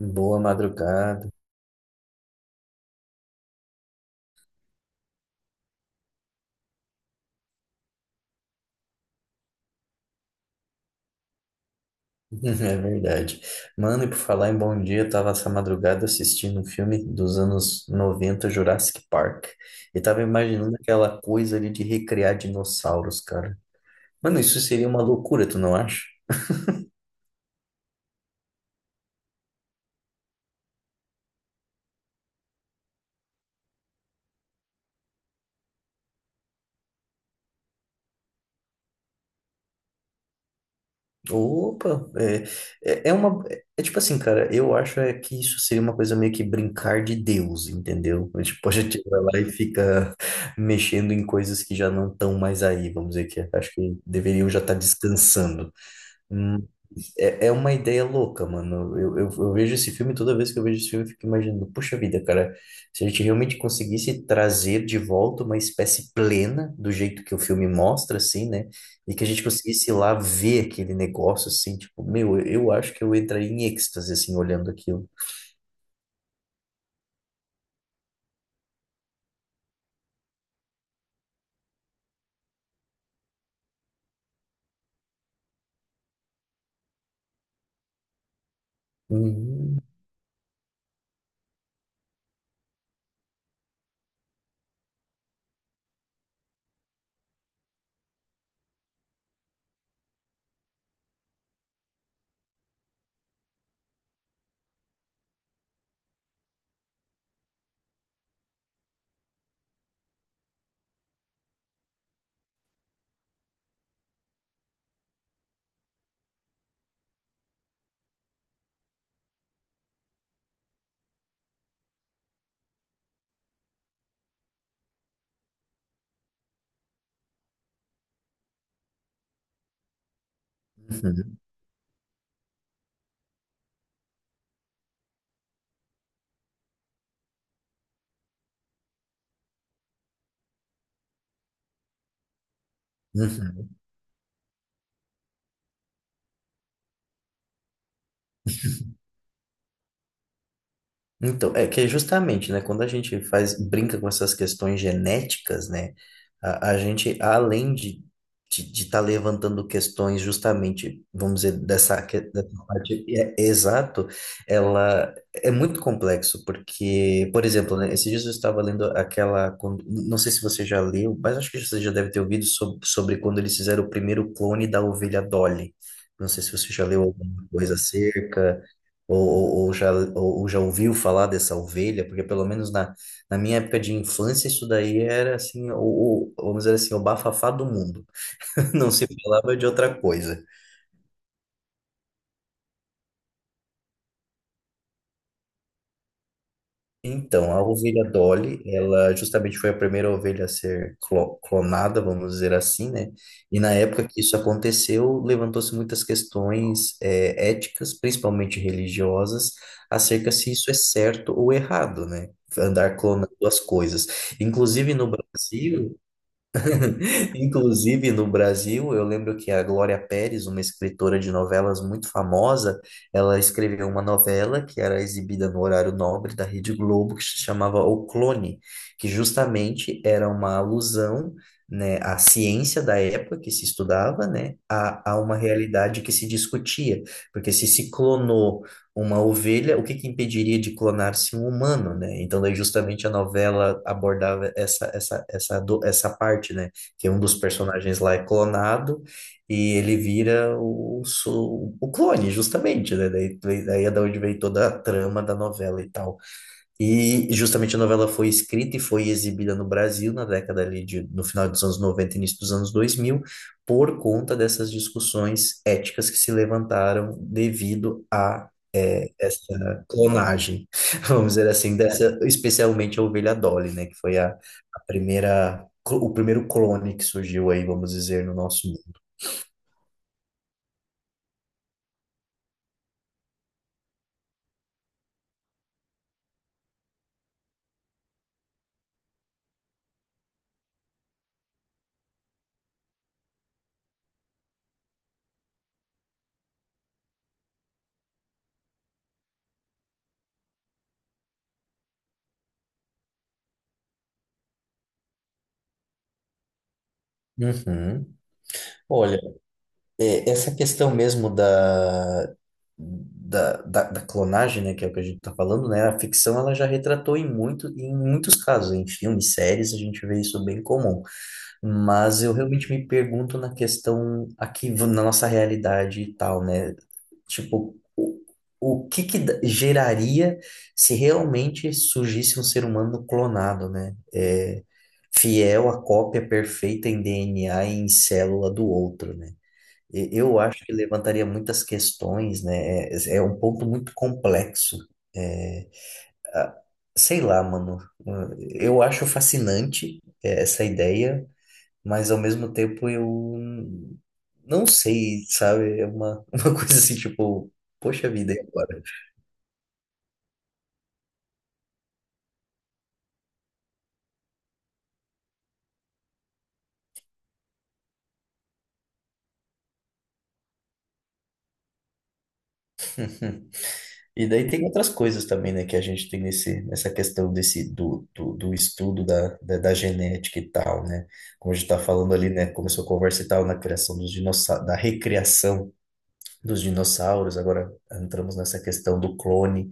Boa madrugada. É verdade. Mano, e por falar em bom dia, eu tava essa madrugada assistindo um filme dos anos 90, Jurassic Park. E tava imaginando aquela coisa ali de recriar dinossauros, cara. Mano, isso seria uma loucura, tu não acha? Opa, é, é uma. É tipo assim, cara, eu acho é que isso seria uma coisa meio que brincar de Deus, entendeu? É tipo, a gente pode tirar lá e fica mexendo em coisas que já não estão mais aí, vamos dizer que é. Acho que deveriam já estar descansando. Hum, É, é uma ideia louca, mano. Eu vejo esse filme, toda vez que eu vejo esse filme, eu fico imaginando, puxa vida, cara, se a gente realmente conseguisse trazer de volta uma espécie plena do jeito que o filme mostra, assim, né? E que a gente conseguisse ir lá ver aquele negócio, assim, tipo, meu, eu acho que eu entraria em êxtase, assim, olhando aquilo. Uhum. Uhum. Uhum. Então, é que é justamente, né, quando a gente faz, brinca com essas questões genéticas, né, a gente, além de estar levantando questões justamente, vamos dizer, dessa, dessa parte, é, é exato, ela é muito complexo, porque, por exemplo, né, esses dias eu estava lendo aquela, não sei se você já leu, mas acho que você já deve ter ouvido sobre, sobre quando eles fizeram o primeiro clone da ovelha Dolly. Não sei se você já leu alguma coisa acerca. Ou já ouviu falar dessa ovelha? Porque pelo menos na, na minha época de infância, isso daí era assim, o, vamos dizer assim, o bafafá do mundo. Não se falava de outra coisa. Então, a ovelha Dolly, ela justamente foi a primeira ovelha a ser clonada, vamos dizer assim, né? E na época que isso aconteceu, levantou-se muitas questões éticas, principalmente religiosas, acerca se isso é certo ou errado, né? Andar clonando as coisas. Inclusive no Brasil, inclusive, no Brasil, eu lembro que a Glória Pérez, uma escritora de novelas muito famosa, ela escreveu uma novela que era exibida no horário nobre da Rede Globo, que se chamava O Clone, que justamente era uma alusão, né, à ciência da época que se estudava, né, a uma realidade que se discutia. Porque se clonou uma ovelha, o que que impediria de clonar-se um humano, né? Então, daí justamente a novela abordava essa parte, né? Que é um dos personagens lá é clonado e ele vira o, o clone, justamente, né? Daí, daí é da onde vem toda a trama da novela e tal. E justamente a novela foi escrita e foi exibida no Brasil na década ali de, no final dos anos 90 e início dos anos 2000 por conta dessas discussões éticas que se levantaram devido a essa clonagem, vamos dizer assim, dessa, especialmente a ovelha Dolly, né, que foi a primeira, o primeiro clone que surgiu aí, vamos dizer, no nosso mundo. Uhum. Olha, é, essa questão mesmo da clonagem, né, que é o que a gente está falando, né, a ficção ela já retratou em muito, em muitos casos, em filmes, séries, a gente vê isso bem comum. Mas eu realmente me pergunto na questão aqui na nossa realidade e tal, né? Tipo, o que que geraria se realmente surgisse um ser humano clonado, né? É, fiel à cópia perfeita em DNA e em célula do outro, né? Eu acho que levantaria muitas questões, né? É, é um ponto muito complexo. É, a- sei lá, mano. Eu acho fascinante é, essa ideia, mas ao mesmo tempo eu não sei, sabe? É uma, uma coisa assim, tipo, poxa vida, e agora? E daí tem outras coisas também, né, que a gente tem nesse, nessa questão desse, do estudo da genética e tal, né? Como a gente está falando ali, né, começou a conversa e tal, na criação dos dinossauros, da recriação dos dinossauros, agora entramos nessa questão do clone.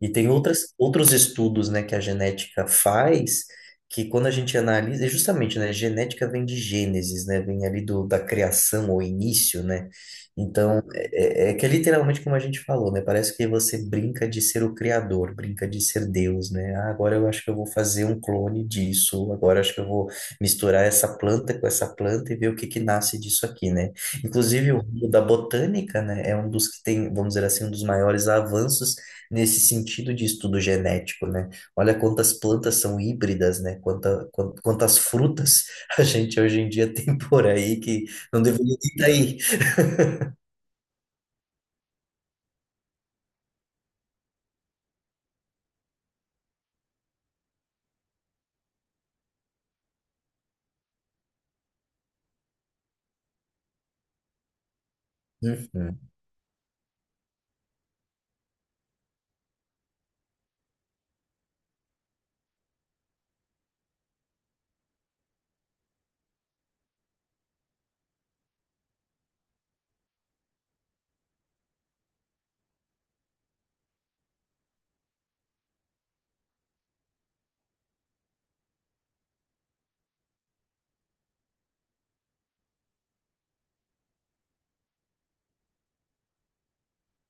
E tem outras, outros estudos, né, que a genética faz, que quando a gente analisa, e justamente, né, genética vem de Gênesis, né, vem ali do, da criação ou início, né? Então, é que é literalmente como a gente falou, né? Parece que você brinca de ser o criador, brinca de ser Deus, né? Ah, agora eu acho que eu vou fazer um clone disso, agora eu acho que eu vou misturar essa planta com essa planta e ver o que que nasce disso aqui, né? Inclusive, o ramo da botânica, né, é um dos que tem, vamos dizer assim, um dos maiores avanços nesse sentido de estudo genético, né? Olha quantas plantas são híbridas, né? Quanta, quantas frutas a gente hoje em dia tem por aí que não deveria estar aí. Uhum,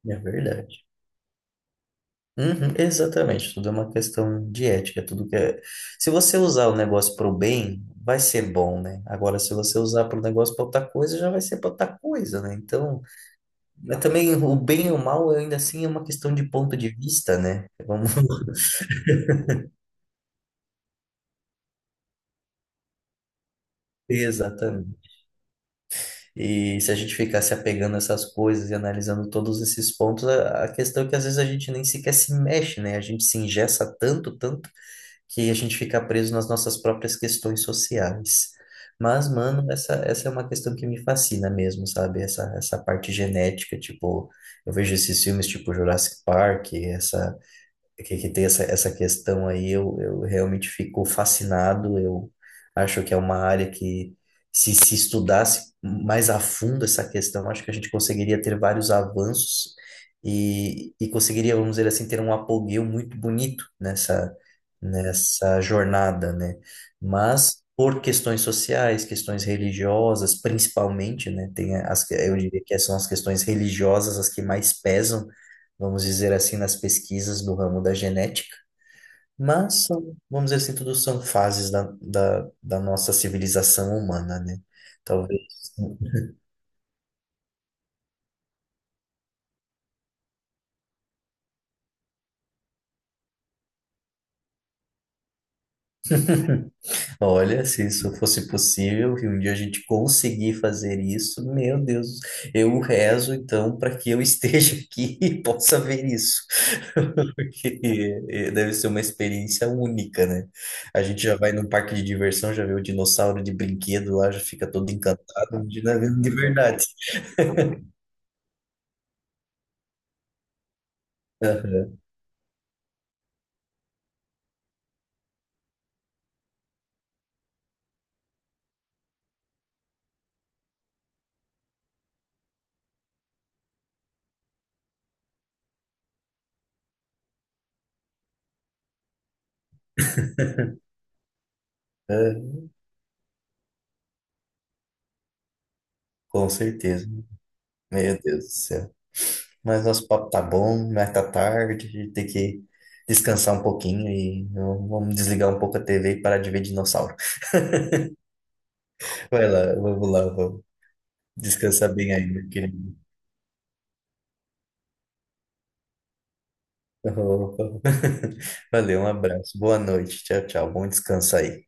é verdade. Uhum, exatamente, tudo é uma questão de ética, é tudo que é... Se você usar o negócio para o bem, vai ser bom, né? Agora, se você usar para o negócio para outra coisa, já vai ser para outra coisa, né? Então, mas também o bem e o mal ainda assim é uma questão de ponto de vista, né? Vamos ver exatamente. E se a gente ficar se apegando a essas coisas e analisando todos esses pontos, a questão é que às vezes a gente nem sequer se mexe, né? A gente se engessa tanto, tanto, que a gente fica preso nas nossas próprias questões sociais. Mas, mano, essa é uma questão que me fascina mesmo, sabe? Essa parte genética, tipo, eu vejo esses filmes tipo Jurassic Park, essa que tem essa, essa questão aí, eu realmente fico fascinado. Eu acho que é uma área que, se estudasse mais a fundo essa questão, acho que a gente conseguiria ter vários avanços e conseguiria, vamos dizer assim, ter um apogeu muito bonito nessa, nessa jornada, né? Mas. Por questões sociais, questões religiosas, principalmente, né? Tem as, eu diria que são as questões religiosas as que mais pesam, vamos dizer assim, nas pesquisas do ramo da genética, mas são, vamos dizer assim, tudo são fases da nossa civilização humana, né? Talvez, olha, se isso fosse possível, e um dia a gente conseguir fazer isso, meu Deus, eu rezo então para que eu esteja aqui e possa ver isso, porque deve ser uma experiência única, né? A gente já vai num parque de diversão, já vê o dinossauro de brinquedo lá, já fica todo encantado, a gente já vê de verdade. É, com certeza. Meu Deus do céu. Mas nosso papo tá bom, mas tá tarde, a gente tem que descansar um pouquinho e vamos desligar um pouco a TV e parar de ver dinossauro. Vai lá, vamos lá, vamos. Descansar bem aí, meu querido. Opa. Valeu, um abraço. Boa noite. Tchau, tchau. Bom descanso aí.